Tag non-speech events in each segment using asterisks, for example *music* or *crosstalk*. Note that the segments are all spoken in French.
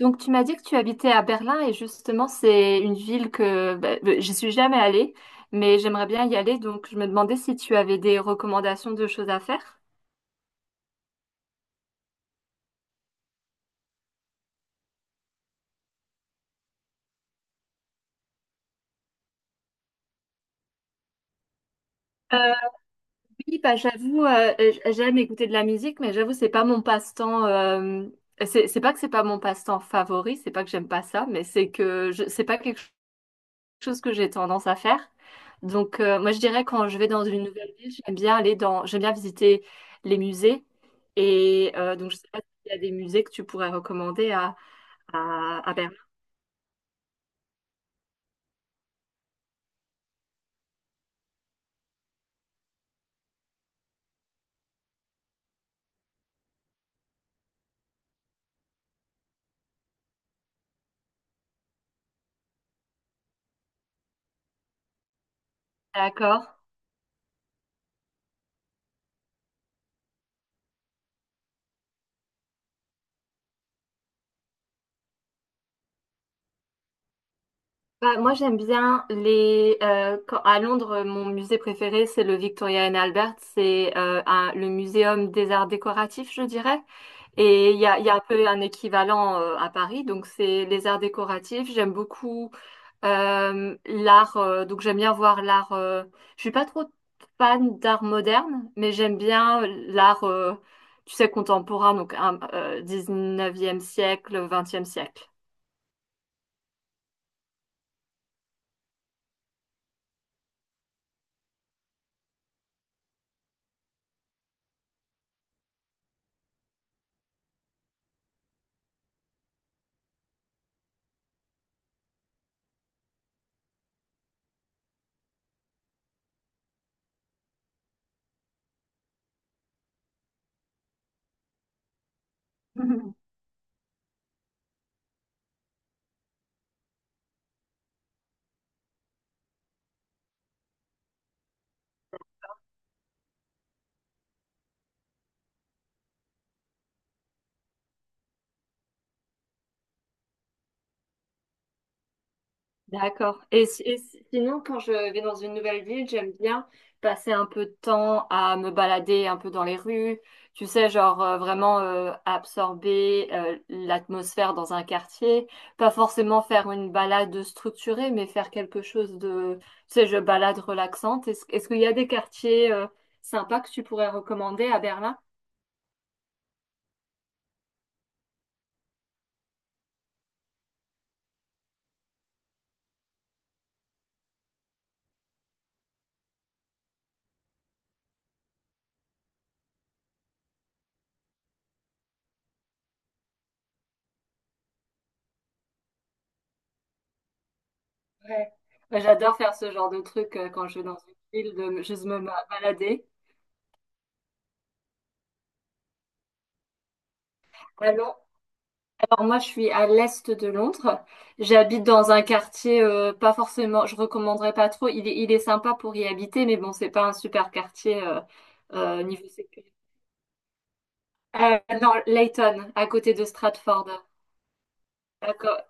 Donc, tu m'as dit que tu habitais à Berlin et justement, c'est une ville que j'y suis jamais allée, mais j'aimerais bien y aller. Donc, je me demandais si tu avais des recommandations de choses à faire. Euh, oui, bah, j'avoue, j'aime écouter de la musique, mais j'avoue, c'est pas mon passe-temps. C'est pas que c'est pas mon passe-temps favori, c'est pas que j'aime pas ça, mais c'est que c'est pas quelque chose que j'ai tendance à faire. Donc, moi, je dirais quand je vais dans une nouvelle ville, j'aime bien visiter les musées. Et donc, je sais pas s'il y a des musées que tu pourrais recommander à Berlin. D'accord. Bah, moi, j'aime bien les. Quand- à Londres, mon musée préféré, c'est le Victoria and Albert. C'est le muséum des arts décoratifs, je dirais. Et il y a un peu un équivalent à Paris. Donc, c'est les arts décoratifs. J'aime beaucoup l'art. Donc, j'aime bien voir l'art. Je suis pas trop fan d'art moderne, mais j'aime bien l'art, tu sais, contemporain. Donc, 19e siècle, 20e siècle. *laughs* D'accord. Et, sinon, quand je vais dans une nouvelle ville, j'aime bien passer un peu de temps à me balader un peu dans les rues, tu sais, genre vraiment absorber l'atmosphère dans un quartier, pas forcément faire une balade structurée, mais faire quelque chose de, tu sais, je balade relaxante. Est-ce qu'il y a des quartiers sympas que tu pourrais recommander à Berlin? Ouais. Ouais, j'adore faire ce genre de truc quand je vais dans une ville, de me- juste me ma- balader. Alors moi, je suis à l'est de Londres. J'habite dans un quartier, pas forcément, je recommanderais pas trop. Il est sympa pour y habiter, mais bon, c'est pas un super quartier niveau sécurité. Non, Leyton, à côté de Stratford. D'accord.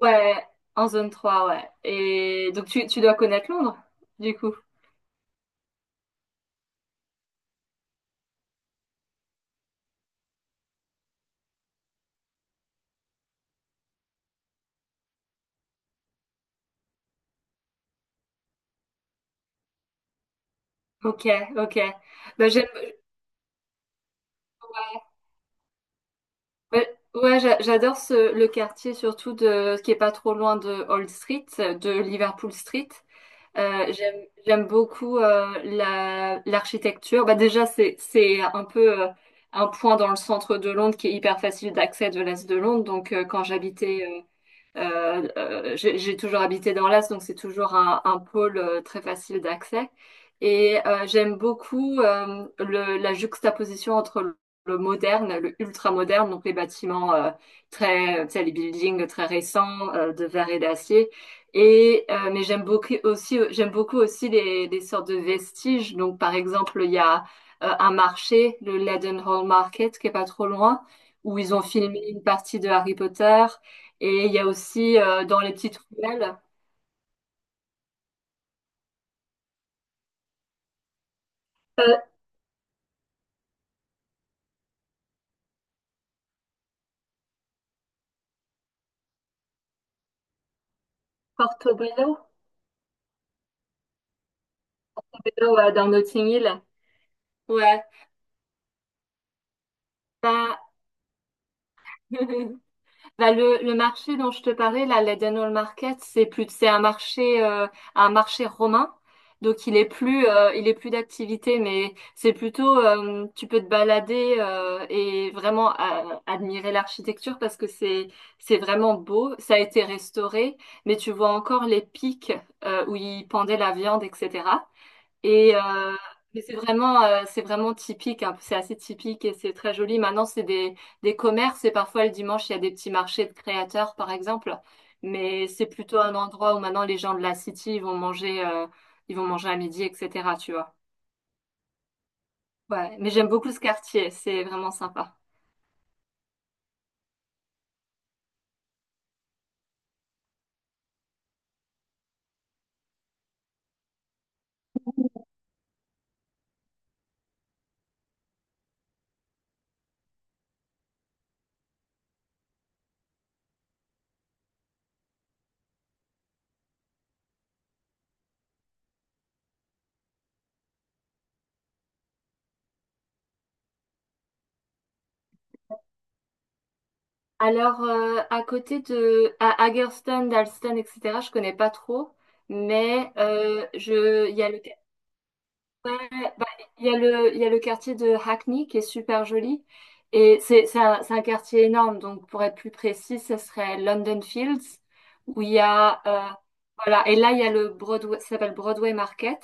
Ouais, en zone 3. Ouais. Et donc tu dois connaître Londres, du coup. Ok, ok. Bah, j'aime, ouais, j'adore le quartier surtout de, qui est pas trop loin de Old Street, de Liverpool Street. Euh, j'aime, j'aime beaucoup l'architecture. Bah, déjà, c'est un peu un point dans le centre de Londres qui est hyper facile d'accès de l'Est de Londres. Donc, quand j'habitais j'ai toujours habité dans l'Est, donc c'est toujours un pôle très facile d'accès. Et j'aime beaucoup la juxtaposition entre le moderne, le ultra-moderne, donc les bâtiments très, tu sais, les buildings très récents de verre et d'acier. Et mais j'aime beaucoup aussi les sortes de vestiges. Donc par exemple, il y a un marché, le Leadenhall Market, qui est pas trop loin, où ils ont filmé une partie de Harry Potter. Et il y a aussi dans les petites ruelles, euh, Portobello, Portobello, dans Notting Hill. Ouais, bah, *laughs* Bah, le marché dont je te parlais, là, l'Eden Hall Market, c'est un marché romain. Il est plus d'activité, mais c'est plutôt, tu peux te balader et vraiment admirer l'architecture parce que c'est vraiment beau. Ça a été restauré, mais tu vois encore les pics où ils pendaient la viande, etc. Et mais c'est vraiment typique, hein. C'est assez typique et c'est très joli. Maintenant, des commerces et parfois le dimanche, il y a des petits marchés de créateurs, par exemple. Mais c'est plutôt un endroit où maintenant les gens de la city ils vont manger à midi, etc. Tu vois. Ouais, mais j'aime beaucoup ce quartier, c'est vraiment sympa. Alors, à côté de à Hagerstown, Dalston, etc., je connais pas trop, mais il y a le ouais, bah, il y a le quartier de Hackney qui est super joli. Et c'est un quartier énorme. Donc, pour être plus précis, ce serait London Fields, où il y a. Voilà. Et là, il y a le Broadway, ça s'appelle Broadway Market.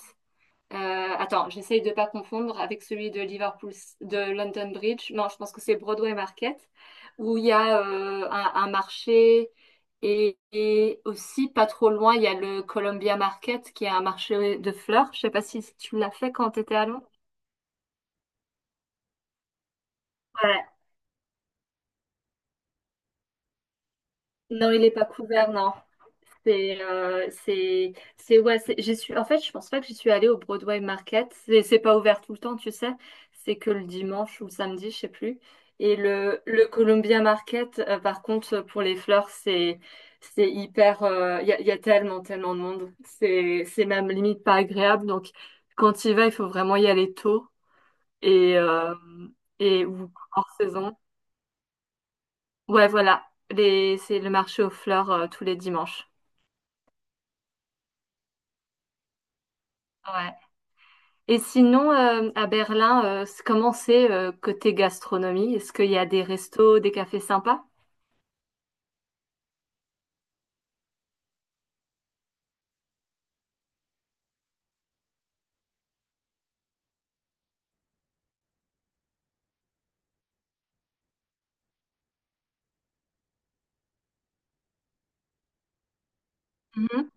Attends, j'essaye de ne pas confondre avec celui de Liverpool, de London Bridge. Non, je pense que c'est Broadway Market, où il y a un marché et aussi pas trop loin, il y a le Columbia Market, qui est un marché de fleurs. Je sais pas si tu l'as fait quand tu étais à Londres. Ouais. Non, il est pas couvert, non. J'y suis, en fait, je pense pas que j'y suis allée au Broadway Market. C'est pas ouvert tout le temps, tu sais. C'est que le dimanche ou le samedi, je sais plus. Et le Columbia Market, par contre, pour les fleurs, c'est hyper, y a tellement, tellement de monde. C'est même limite pas agréable. Donc, quand il va, il faut vraiment y aller tôt et, euh, et ou hors saison. Ouais, voilà. C'est le marché aux fleurs, tous les dimanches. Ouais. Et sinon, à Berlin, comment c'est côté gastronomie? Est-ce qu'il y a des restos, des cafés sympas? Mhm.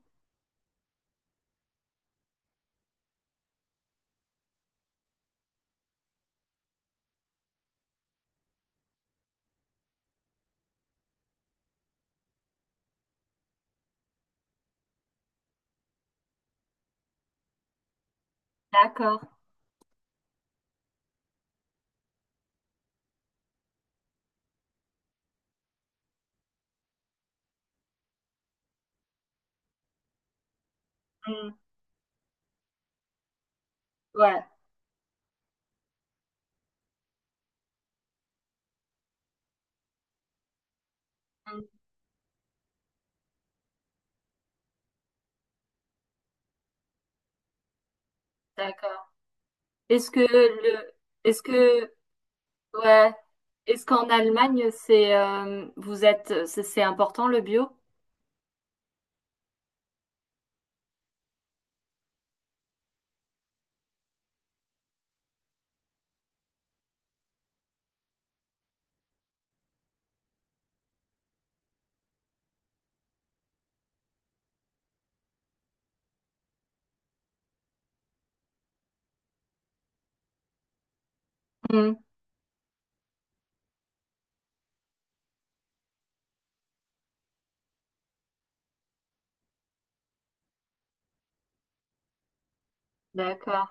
D'accord. Mm. Ouais. Mm. D'accord. Est-ce que le, est-ce que, ouais, est-ce qu'en Allemagne, c'est, vous êtes, c'est important le bio? Mm. D'accord.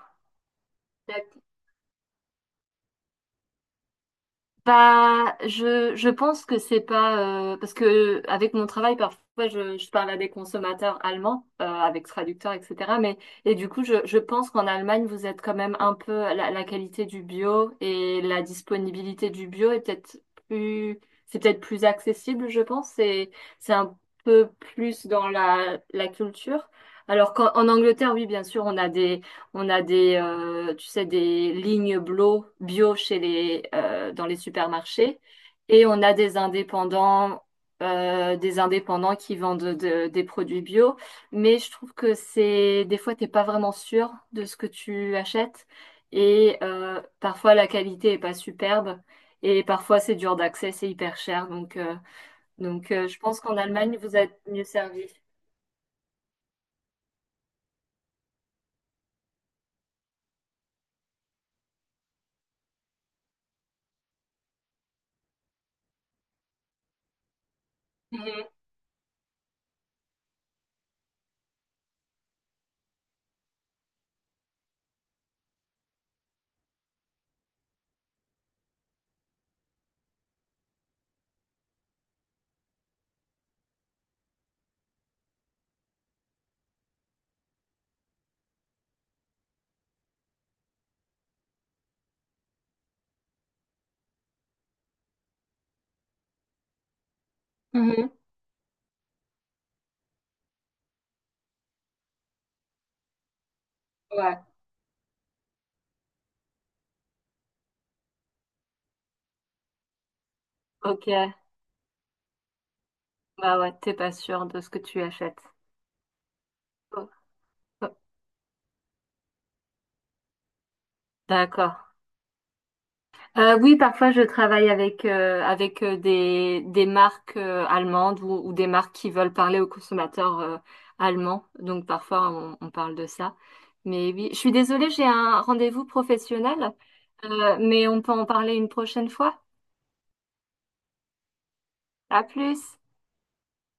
Bah, je pense que c'est pas parce que avec mon travail parfois je parle à des consommateurs allemands avec traducteurs etc. Mais du coup je pense qu'en Allemagne vous êtes quand même un peu la qualité du bio et la disponibilité du bio est peut-être plus c'est peut-être plus accessible je pense c'est un peu plus dans la culture. Alors qu'en en Angleterre oui bien sûr on a des, tu sais, des lignes bio chez les, dans les supermarchés et on a des indépendants qui vendent des produits bio. Mais je trouve que c'est des fois t'es pas vraiment sûr de ce que tu achètes et parfois la qualité est pas superbe et parfois c'est dur d'accès, c'est hyper cher. Donc, je pense qu'en Allemagne vous êtes mieux servi. Mhm. Mhm. Ouais. Ok. Bah ouais, t'es pas sûr de ce que tu achètes. Oh, oh, D'accord. Oui, parfois je travaille avec des des marques allemandes ou des marques qui veulent parler aux consommateurs allemands. Donc parfois on parle de ça. Mais oui, je suis désolée, j'ai un rendez-vous professionnel. Mais on peut en parler une prochaine fois. À plus.